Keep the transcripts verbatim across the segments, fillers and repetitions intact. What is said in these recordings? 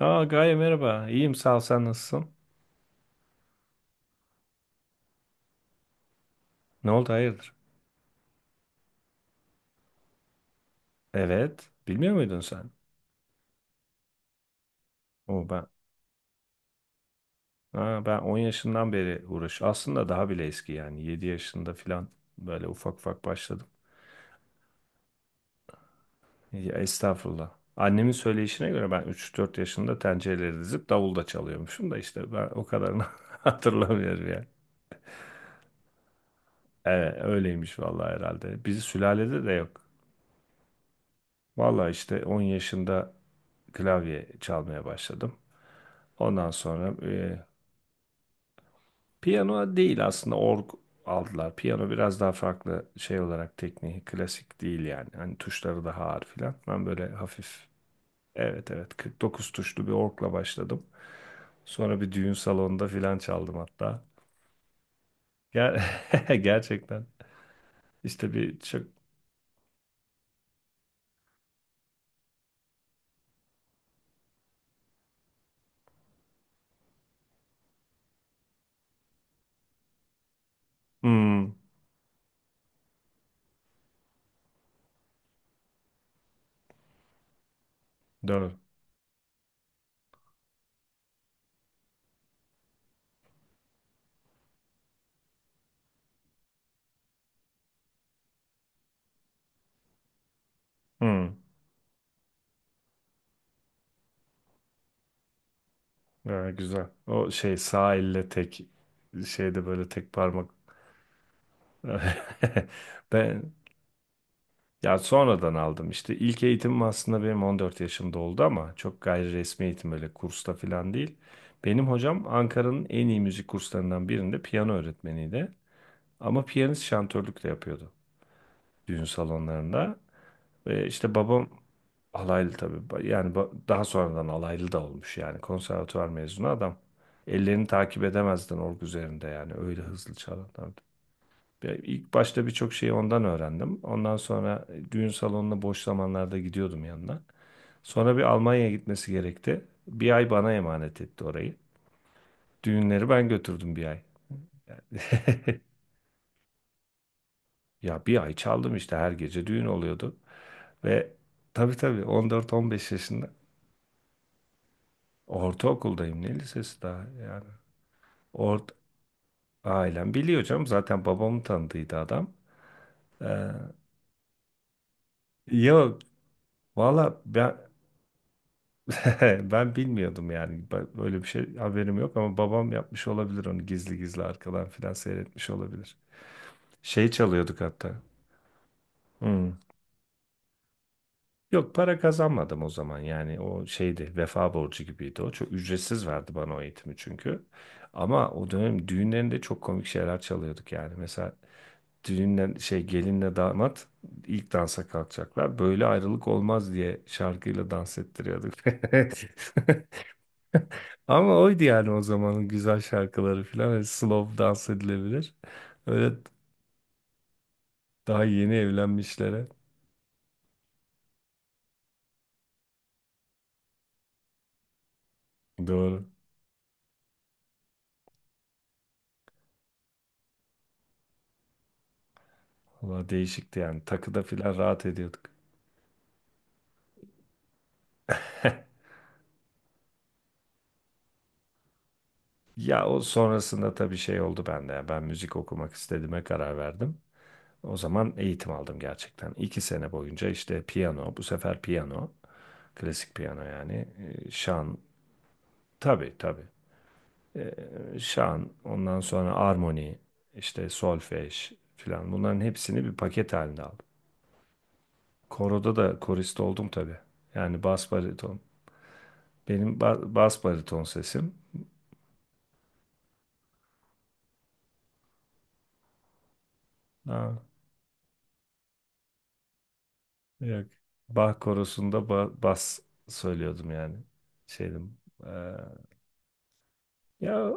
Aa Gaye merhaba. İyiyim sağ ol, sen nasılsın? Ne oldu hayırdır? Evet. Bilmiyor muydun sen? O ben. Aa, ben on yaşından beri uğraş. Aslında daha bile eski yani. Yedi yaşında falan böyle ufak ufak başladım. Ya, estağfurullah. Annemin söyleyişine göre ben üç dört yaşında tencereleri dizip davul da çalıyormuşum da işte ben o kadarını hatırlamıyorum yani. Evet öyleymiş vallahi herhalde. Bizi sülalede de yok. Vallahi işte on yaşında klavye çalmaya başladım. Ondan sonra Piyano değil aslında org aldılar. Piyano biraz daha farklı şey olarak tekniği klasik değil yani. Hani tuşları daha ağır filan. Ben böyle hafif, evet, evet, kırk dokuz tuşlu bir orgla başladım. Sonra bir düğün salonunda filan çaldım hatta. Ger gerçekten işte bir çok. Hmm, doğru. Hmm. Ha, güzel. O şey sağ elle tek, şeyde böyle tek parmak. Ben. Ya sonradan aldım işte ilk eğitimim aslında benim on dört yaşımda oldu ama çok gayri resmi eğitim, öyle kursta falan değil. Benim hocam Ankara'nın en iyi müzik kurslarından birinde piyano öğretmeniydi. Ama piyanist şantörlük de yapıyordu düğün salonlarında. Ve işte babam alaylı tabii. Ba- yani ba- daha sonradan alaylı da olmuş yani, konservatuvar mezunu adam. Ellerini takip edemezdin org üzerinde yani, öyle hızlı çalardı. Bir- İlk başta birçok şeyi ondan öğrendim. Ondan sonra e, düğün salonuna boş zamanlarda gidiyordum yanına. Sonra bir Almanya'ya gitmesi gerekti. Bir ay bana emanet etti orayı. Düğünleri ben götürdüm bir ay. Ya bir ay çaldım işte, her gece düğün oluyordu. Ve, tabii, tabii, on dört, on beş yaşında ortaokuldayım, ne lisesi daha yani. Ort ailem biliyor canım, zaten babamı tanıdıydı adam. Ee, yok, valla ben Ben bilmiyordum yani. Ba- Böyle bir şey haberim yok ama babam yapmış olabilir onu, gizli gizli arkadan filan seyretmiş olabilir. Şey çalıyorduk hatta. Hmm. Yok, para kazanmadım o zaman yani, o şeydi, vefa borcu gibiydi o. Çok ücretsiz verdi bana o eğitimi çünkü. Ama o dönem düğünlerinde çok komik şeyler çalıyorduk yani. Mesela düğünle şey gelinle damat ilk dansa kalkacaklar. Böyle ayrılık olmaz diye şarkıyla dans ettiriyorduk. Ama oydu yani, o zamanın güzel şarkıları falan. Hani slow, dans edilebilir. Öyle, daha yeni evlenmişlere. Doğru. Valla değişikti yani. Takıda falan rahat ediyorduk. Ya o sonrasında tabii şey oldu bende. Ya. Ben müzik okumak istediğime karar verdim. O zaman eğitim aldım gerçekten. İki sene boyunca işte piyano, bu sefer piyano, klasik piyano yani, e, şan. Tabii, tabii. Şan, ondan sonra armoni, işte solfej filan, bunların hepsini bir paket halinde aldım. Koroda da korist oldum tabii. Yani bas bariton. Benim ba- bas bariton sesim. Ha, yok. Bach korosunda ba- bas söylüyordum yani. Şeydim. eee, ya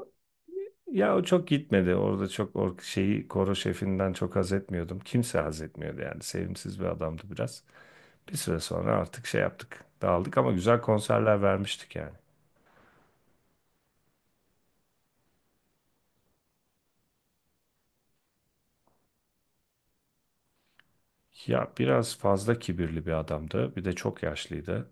ya o çok gitmedi. Orada çok or şeyi, koro şefinden çok haz etmiyordum. Kimse haz etmiyordu yani. Sevimsiz bir adamdı biraz. Bir süre sonra artık şey yaptık, dağıldık, ama güzel konserler vermiştik yani. Ya biraz fazla kibirli bir adamdı. Bir de çok yaşlıydı.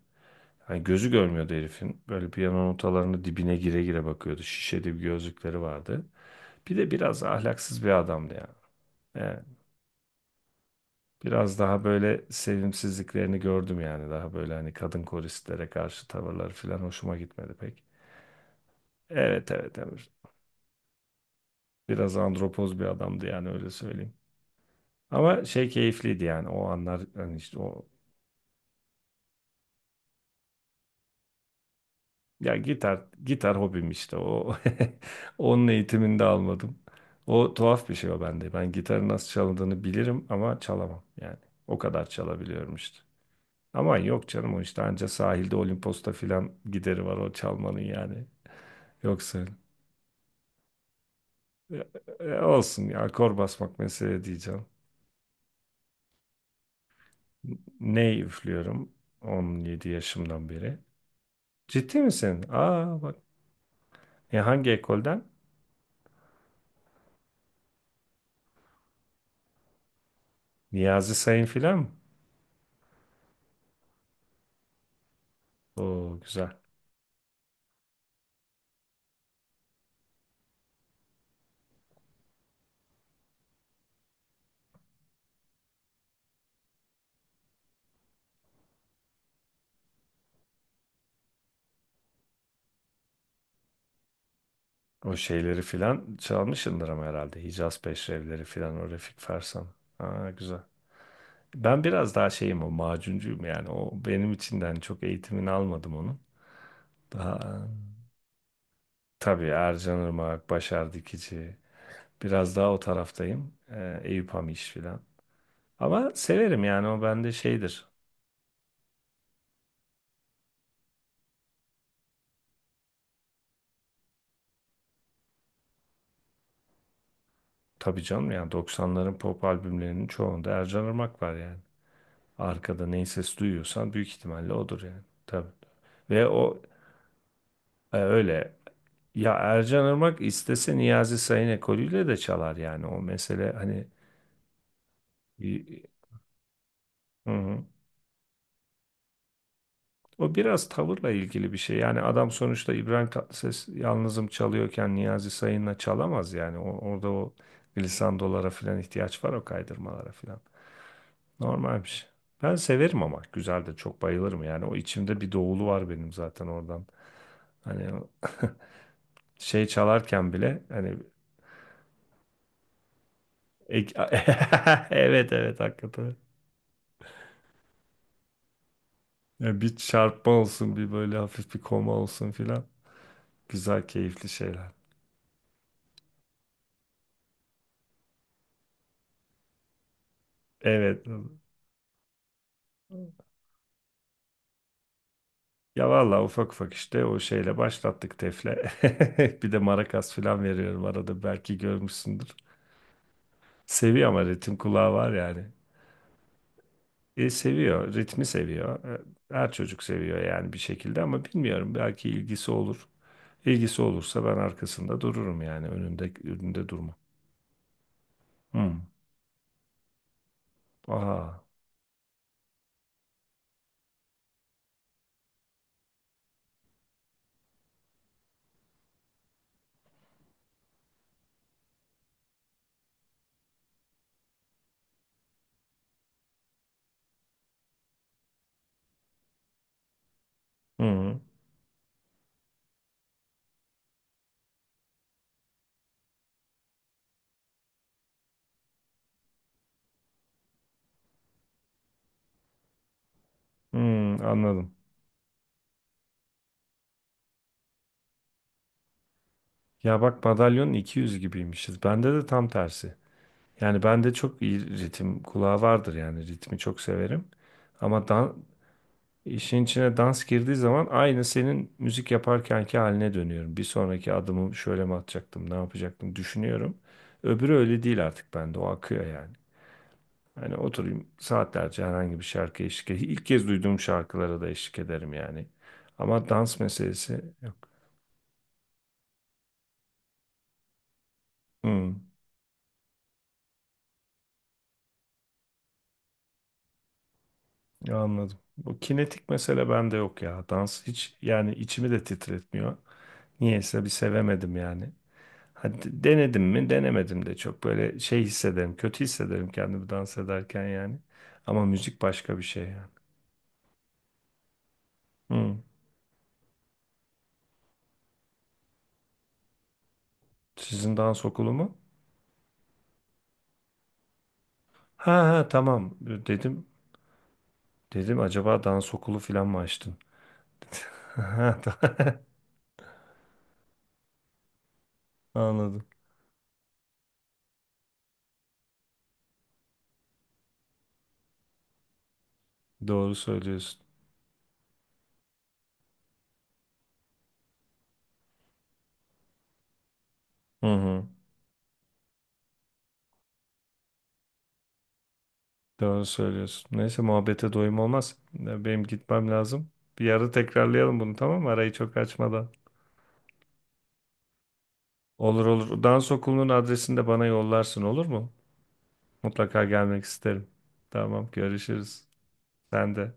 Hani gözü görmüyordu herifin. Böyle piyano notalarını dibine gire gire bakıyordu. Şişeli bir gözlükleri vardı. Bir de biraz ahlaksız bir adamdı yani. Yani biraz daha böyle sevimsizliklerini gördüm yani. Daha böyle hani kadın koristlere karşı tavırları falan hoşuma gitmedi pek. Evet, evet, Emir. Biraz andropoz bir adamdı yani, öyle söyleyeyim. Ama şey keyifliydi yani, o anlar hani, işte o. Ya gitar, gitar hobim işte o. Onun eğitimini de almadım. O tuhaf bir şey o bende. Ben gitarı nasıl çalındığını bilirim ama çalamam yani. O kadar çalabiliyorum işte. Ama yok canım, o işte anca sahilde Olimpos'ta filan gideri var o çalmanın yani. Yoksa e, e, olsun ya, akor basmak mesele diyeceğim. N- Ney üflüyorum on yedi yaşımdan beri. Ciddi misin? Aa bak. E, hangi ekolden? Niyazi Sayın filan mı? Oo, güzel. O şeyleri filan çalmışsındır ama herhalde. Hicaz Peşrevleri filan, o Refik Fersan. Aa, güzel. Ben biraz daha şeyim, o macuncuyum yani. O benim için de hani çok eğitimini almadım onun. Daha, tabii, Ercan Irmak, Başar Dikici. Biraz daha o taraftayım. Ee, Eyüp Hamiş filan. Ama severim yani, o bende şeydir. Tabii canım, yani doksanların pop albümlerinin çoğunda Ercan Irmak var yani. Arkada neyi ses duyuyorsan büyük ihtimalle odur yani. Tabii. Ve o e, öyle. Ya Ercan Irmak istese Niyazi Sayın ekolüyle de çalar yani, o mesele hani. Hı hı. O biraz tavırla ilgili bir şey. Yani adam sonuçta İbrahim Tatlıses yalnızım çalıyorken Niyazi Sayın'la çalamaz yani. O, orada o glissandolara falan ihtiyaç var, o kaydırmalara falan. Normal bir şey. Ben severim ama, güzel de çok bayılırım yani. O, içimde bir doğulu var benim zaten oradan. Hani o şey çalarken bile hani ek- evet, evet, hakikaten. Ya bir çarpma olsun, bir böyle hafif bir koma olsun filan. Güzel, keyifli şeyler. Evet. Ya vallahi ufak ufak işte o şeyle başlattık, tefle. Bir de marakas filan veriyorum arada, belki görmüşsündür. Seviyor, ama ritim kulağı var yani. E, seviyor, ritmi seviyor. E, Her çocuk seviyor yani bir şekilde ama bilmiyorum, belki ilgisi olur. İlgisi olursa ben arkasında dururum yani, önünde önünde durmam. Hmm. Aha. Hmm. Hmm. Anladım. Ya bak, madalyonun iki yüzü gibiymişiz. Bende de tam tersi. Yani bende çok iyi ritim kulağı vardır yani, ritmi çok severim. Ama dan işin içine dans girdiği zaman aynı senin müzik yaparkenki haline dönüyorum. Bir sonraki adımı şöyle mi atacaktım, ne yapacaktım düşünüyorum. Öbürü öyle değil artık bende. O akıyor yani. Hani oturayım saatlerce, herhangi bir şarkı eşlik ederim. İlk kez duyduğum şarkılara da eşlik ederim yani. Ama dans meselesi yok. Hmm. Anladım. Bu kinetik mesele bende yok ya. Dans hiç yani içimi de titretmiyor. Niyeyse bir sevemedim yani. Hadi denedim mi denemedim de çok böyle şey hissederim. Kötü hissederim kendimi dans ederken yani. Ama müzik başka bir şey yani. Hı. Sizin dans okulu mu? Ha, ha, tamam dedim. Dedim acaba dans okulu falan mı açtın? Ha, tamam. Anladım. Doğru söylüyorsun. Hı hı. Doğru söylüyorsun. Neyse, muhabbete doyum olmaz. Ya, benim gitmem lazım. Bir ara tekrarlayalım bunu, tamam mı? Arayı çok açmadan. Olur, olur. Dans okulunun adresini de bana yollarsın, olur mu? Mutlaka gelmek isterim. Tamam, görüşürüz. Sen de.